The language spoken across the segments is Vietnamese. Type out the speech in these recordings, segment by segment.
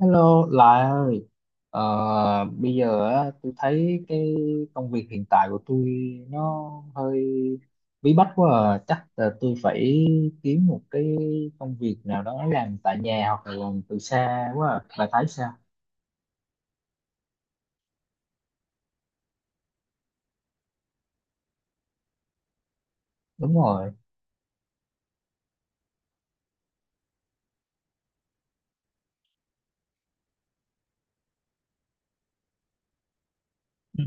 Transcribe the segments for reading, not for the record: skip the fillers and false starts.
Hello, Lại ơi. Ờ, bây giờ á, tôi thấy cái công việc hiện tại của tôi nó hơi bí bách quá à. Chắc là tôi phải kiếm một cái công việc nào đó làm tại nhà hoặc là làm từ xa quá à. Bà thấy sao? Đúng rồi. Ừ.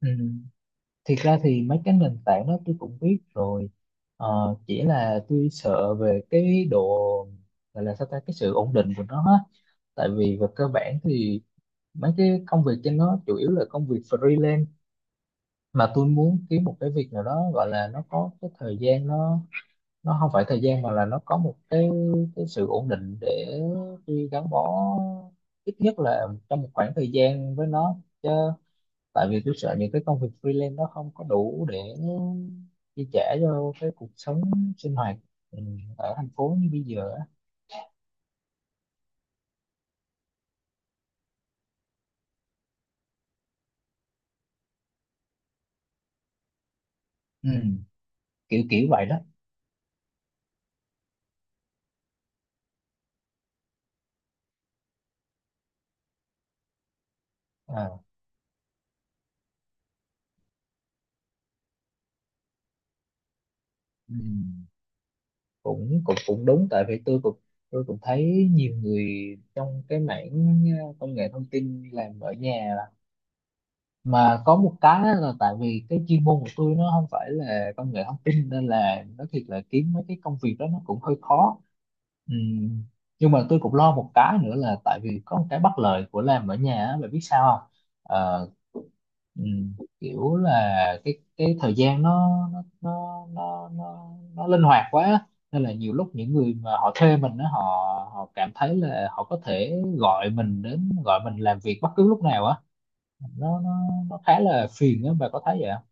Ừ. Thiệt ra thì mấy cái nền tảng đó tôi cũng biết rồi. Chỉ là tôi sợ về cái độ gọi là sao ta cái sự ổn định của nó á. Tại vì về cơ bản thì mấy cái công việc trên nó chủ yếu là công việc freelance, mà tôi muốn kiếm một cái việc nào đó gọi là nó có cái thời gian nó không phải thời gian mà là nó có một cái sự ổn định để tôi gắn bó ít nhất là trong một khoảng thời gian với nó chứ, tại vì tôi sợ những cái công việc freelance nó không có đủ để chi trả cho cái cuộc sống sinh hoạt, ừ, ở thành phố như bây giờ á. Ừ. Kiểu kiểu vậy đó. À, ừ. cũng cũng cũng đúng tại vì tôi cũng thấy nhiều người trong cái mảng công nghệ thông tin làm ở nhà, mà có một cái á là tại vì cái chuyên môn của tôi nó không phải là công nghệ thông tin nên là nó thiệt là kiếm mấy cái công việc đó nó cũng hơi khó. Ừm, nhưng mà tôi cũng lo một cái nữa là tại vì có một cái bất lợi của làm ở nhà á, bạn biết sao không? Ờ, ừ. Kiểu là cái thời gian nó linh hoạt quá á. Nên là nhiều lúc những người mà họ thuê mình đó, họ họ cảm thấy là họ có thể gọi mình đến gọi mình làm việc bất cứ lúc nào á, nó nó khá là phiền á, bà có thấy vậy không?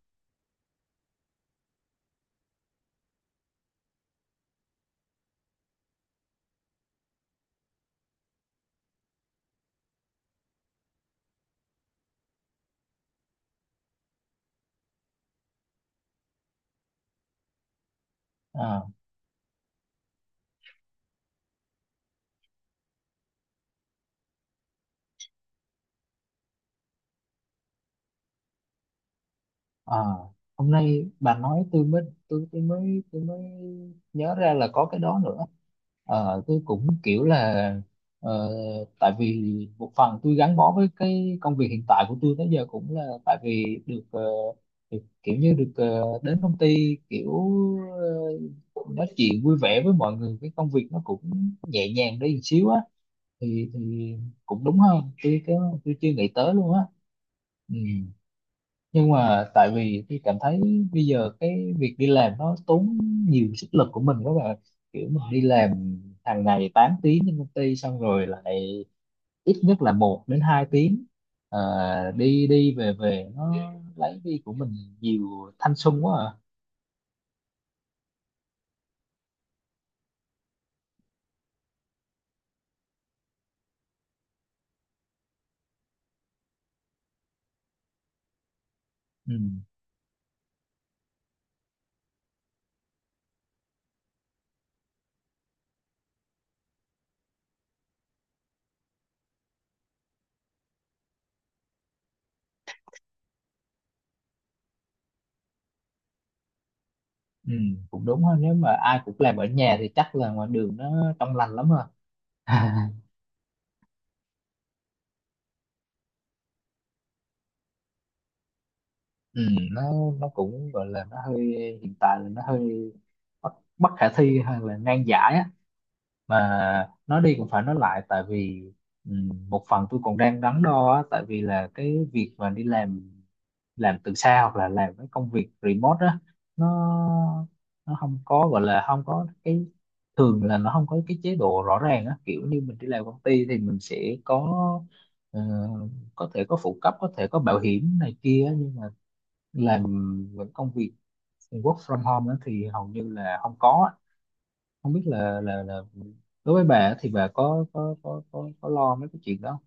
Ờ, ờ. Hôm nay bà nói tôi mới nhớ ra là có cái đó nữa. Ờ, tôi cũng kiểu là ờ, tại vì một phần tôi gắn bó với cái công việc hiện tại của tôi tới giờ cũng là tại vì được, được kiểu như được đến công ty kiểu ờ, nói chuyện vui vẻ với mọi người cái công việc nó cũng nhẹ nhàng đi một xíu á, thì cũng đúng hơn tôi cái tôi chưa nghĩ tới luôn á. Ừ, nhưng mà tại vì tôi cảm thấy bây giờ cái việc đi làm nó tốn nhiều sức lực của mình các bạn, kiểu mà đi làm hàng ngày 8 tiếng trên công ty xong rồi lại ít nhất là một đến 2 tiếng, Ờ, đi đi về về nó lấy đi của mình nhiều thanh xuân quá à. Ừ, ừ, cũng đúng ha, nếu mà ai cũng làm ở nhà thì chắc là ngoài đường nó trong lành lắm ha. Ừ, nó nó cũng gọi là nó hơi hiện tại là nó hơi bất bất khả thi hay là ngang giải á, mà nói đi cũng phải nói lại tại vì một phần tôi còn đang đắn đo á, tại vì là cái việc mà đi làm từ xa hoặc là làm cái công việc remote á, nó nó không có gọi là không có cái thường là nó không có cái chế độ rõ ràng á, kiểu như mình đi làm công ty thì mình sẽ có ờ, có thể có phụ cấp có thể có bảo hiểm này kia á, nhưng làm những công việc work from home á thì hầu như là không có á, không biết là là đối với bà á thì bà có có lo mấy cái chuyện đó không?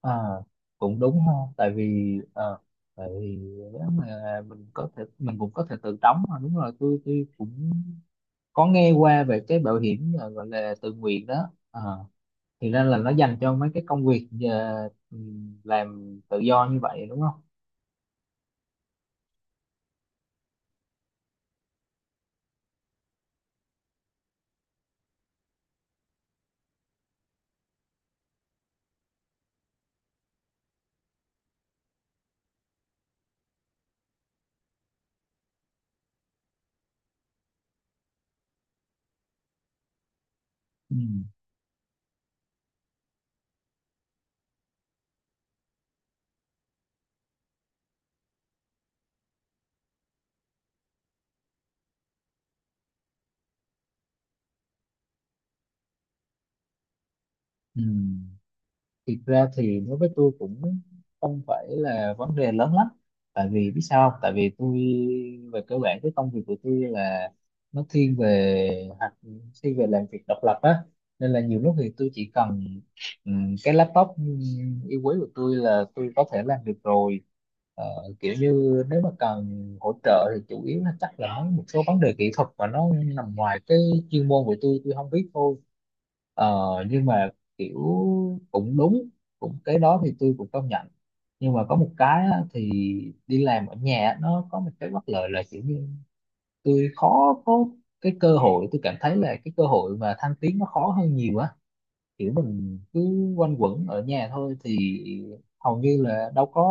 À, cũng đúng ha, tại vì tại vì nếu mà mình có thể mình cũng có thể tự đóng mà đúng rồi tôi cũng có nghe qua về cái bảo hiểm gọi là tự nguyện đó à, thì ra là nó dành cho mấy cái công việc làm tự do như vậy đúng không? Ừ. Ừ. Thực ra thì đối với tôi cũng không phải là vấn đề lớn lắm, tại vì biết sao không? Tại vì tôi về cơ bản cái công việc của tôi là nó thiên về hoặc thiên về làm việc độc lập á, nên là nhiều lúc thì tôi chỉ cần cái laptop yêu quý của tôi là tôi có thể làm được rồi. Ờ, kiểu như nếu mà cần hỗ trợ thì chủ yếu là chắc là mấy một số vấn đề kỹ thuật mà nó nằm ngoài cái chuyên môn của tôi không biết thôi. Ờ, nhưng mà kiểu cũng đúng cũng cái đó thì tôi cũng công nhận, nhưng mà có một cái á, thì đi làm ở nhà á, nó có một cái bất lợi là kiểu như tôi khó có cái cơ hội tôi cảm thấy là cái cơ hội mà thăng tiến nó khó hơn nhiều á, kiểu mình cứ quanh quẩn ở nhà thôi thì hầu như là đâu có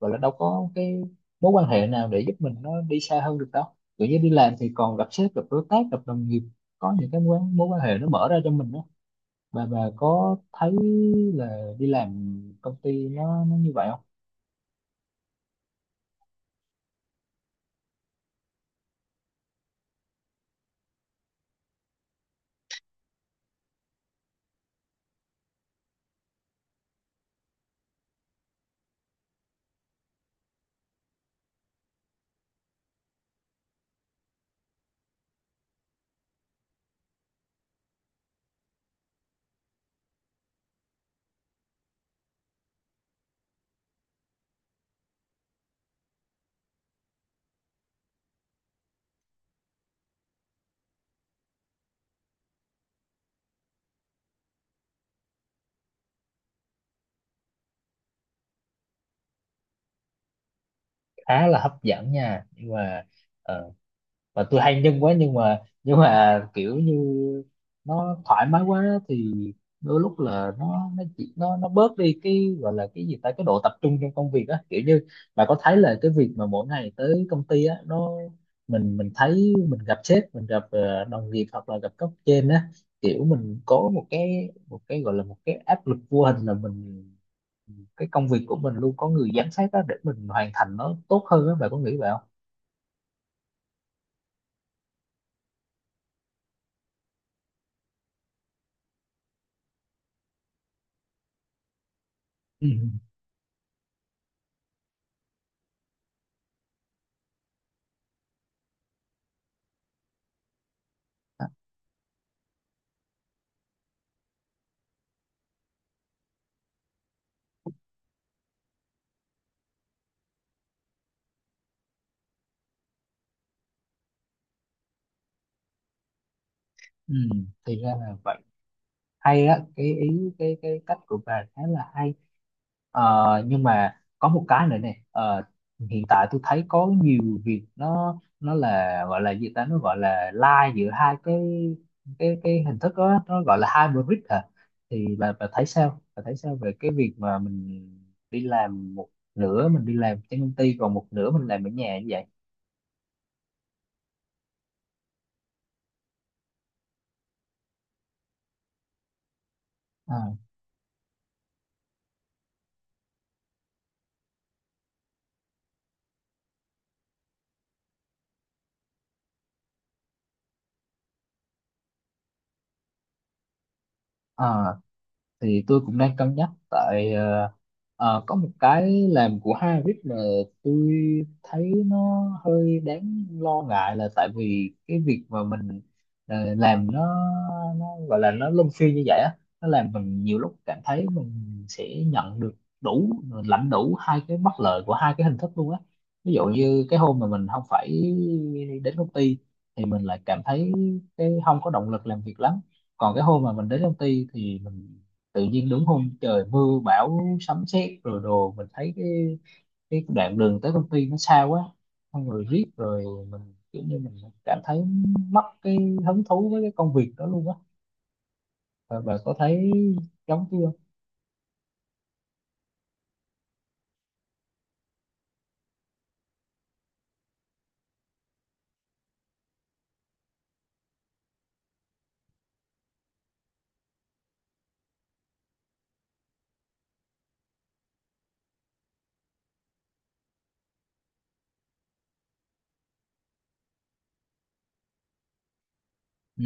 gọi là đâu có cái mối quan hệ nào để giúp mình nó đi xa hơn được đâu, kiểu như đi làm thì còn gặp sếp gặp đối tác gặp đồng nghiệp có những cái mối, mối quan hệ nó mở ra cho mình đó, bà có thấy là đi làm công ty nó như vậy không? Khá là hấp dẫn nha, nhưng mà ờ, và tôi hay nhân quá nhưng mà kiểu như nó thoải mái quá thì đôi lúc là nó chỉ nó bớt đi cái gọi là cái gì ta cái độ tập trung trong công việc á, kiểu như bà có thấy là cái việc mà mỗi ngày tới công ty á nó mình thấy mình gặp sếp mình gặp đồng nghiệp hoặc là gặp cấp trên á, kiểu mình có một cái gọi là một cái áp lực vô hình là mình cái công việc của mình luôn có người giám sát á để mình hoàn thành nó tốt hơn á, bà có nghĩ vậy không? Ừ. Ừ, thì ra là vậy, hay á cái ý, cái cách của bà khá là hay. Ờ, nhưng mà có một cái nữa nè. Ờ, hiện tại tôi thấy có nhiều việc nó là gọi là gì ta nó gọi là lai giữa hai cái cái hình thức đó nó gọi là hybrid hả, thì bà thấy sao bà thấy sao về cái việc mà mình đi làm một nửa mình đi làm trên công ty còn một nửa mình làm ở nhà như vậy? Ờ, ờ. Thì tôi cũng đang cân nhắc tại có một cái làm của Harvard mà tôi thấy nó hơi đáng lo ngại là tại vì cái việc mà mình làm nó gọi là nó luân phiên như vậy á nó làm mình nhiều lúc cảm thấy mình sẽ nhận được đủ lãnh đủ hai cái bất lợi của hai cái hình thức luôn á, ví dụ như cái hôm mà mình không phải đến công ty thì mình lại cảm thấy cái không có động lực làm việc lắm, còn cái hôm mà mình đến công ty thì mình tự nhiên đúng hôm trời mưa bão sấm sét rồi đồ mình thấy cái đoạn đường tới công ty nó xa quá, xong rồi riết rồi mình kiểu như mình cảm thấy mất cái hứng thú với cái công việc đó luôn á, và bà có thấy giống chưa? Ừ.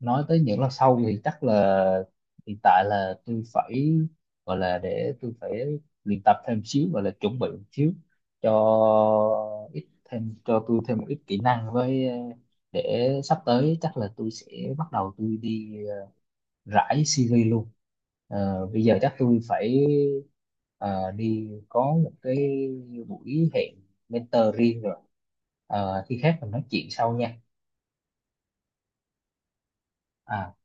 Nói tới những lần sau thì chắc là hiện tại là tôi phải gọi là để tôi phải luyện tập thêm xíu gọi là chuẩn bị một xíu cho ít thêm cho tôi thêm một ít kỹ năng với để sắp tới chắc là tôi sẽ bắt đầu tôi đi rải CV luôn. Ờ, bây giờ chắc tôi phải đi có một cái buổi hẹn mentor riêng rồi. Ờ, khi khác mình nói chuyện sau nha. À.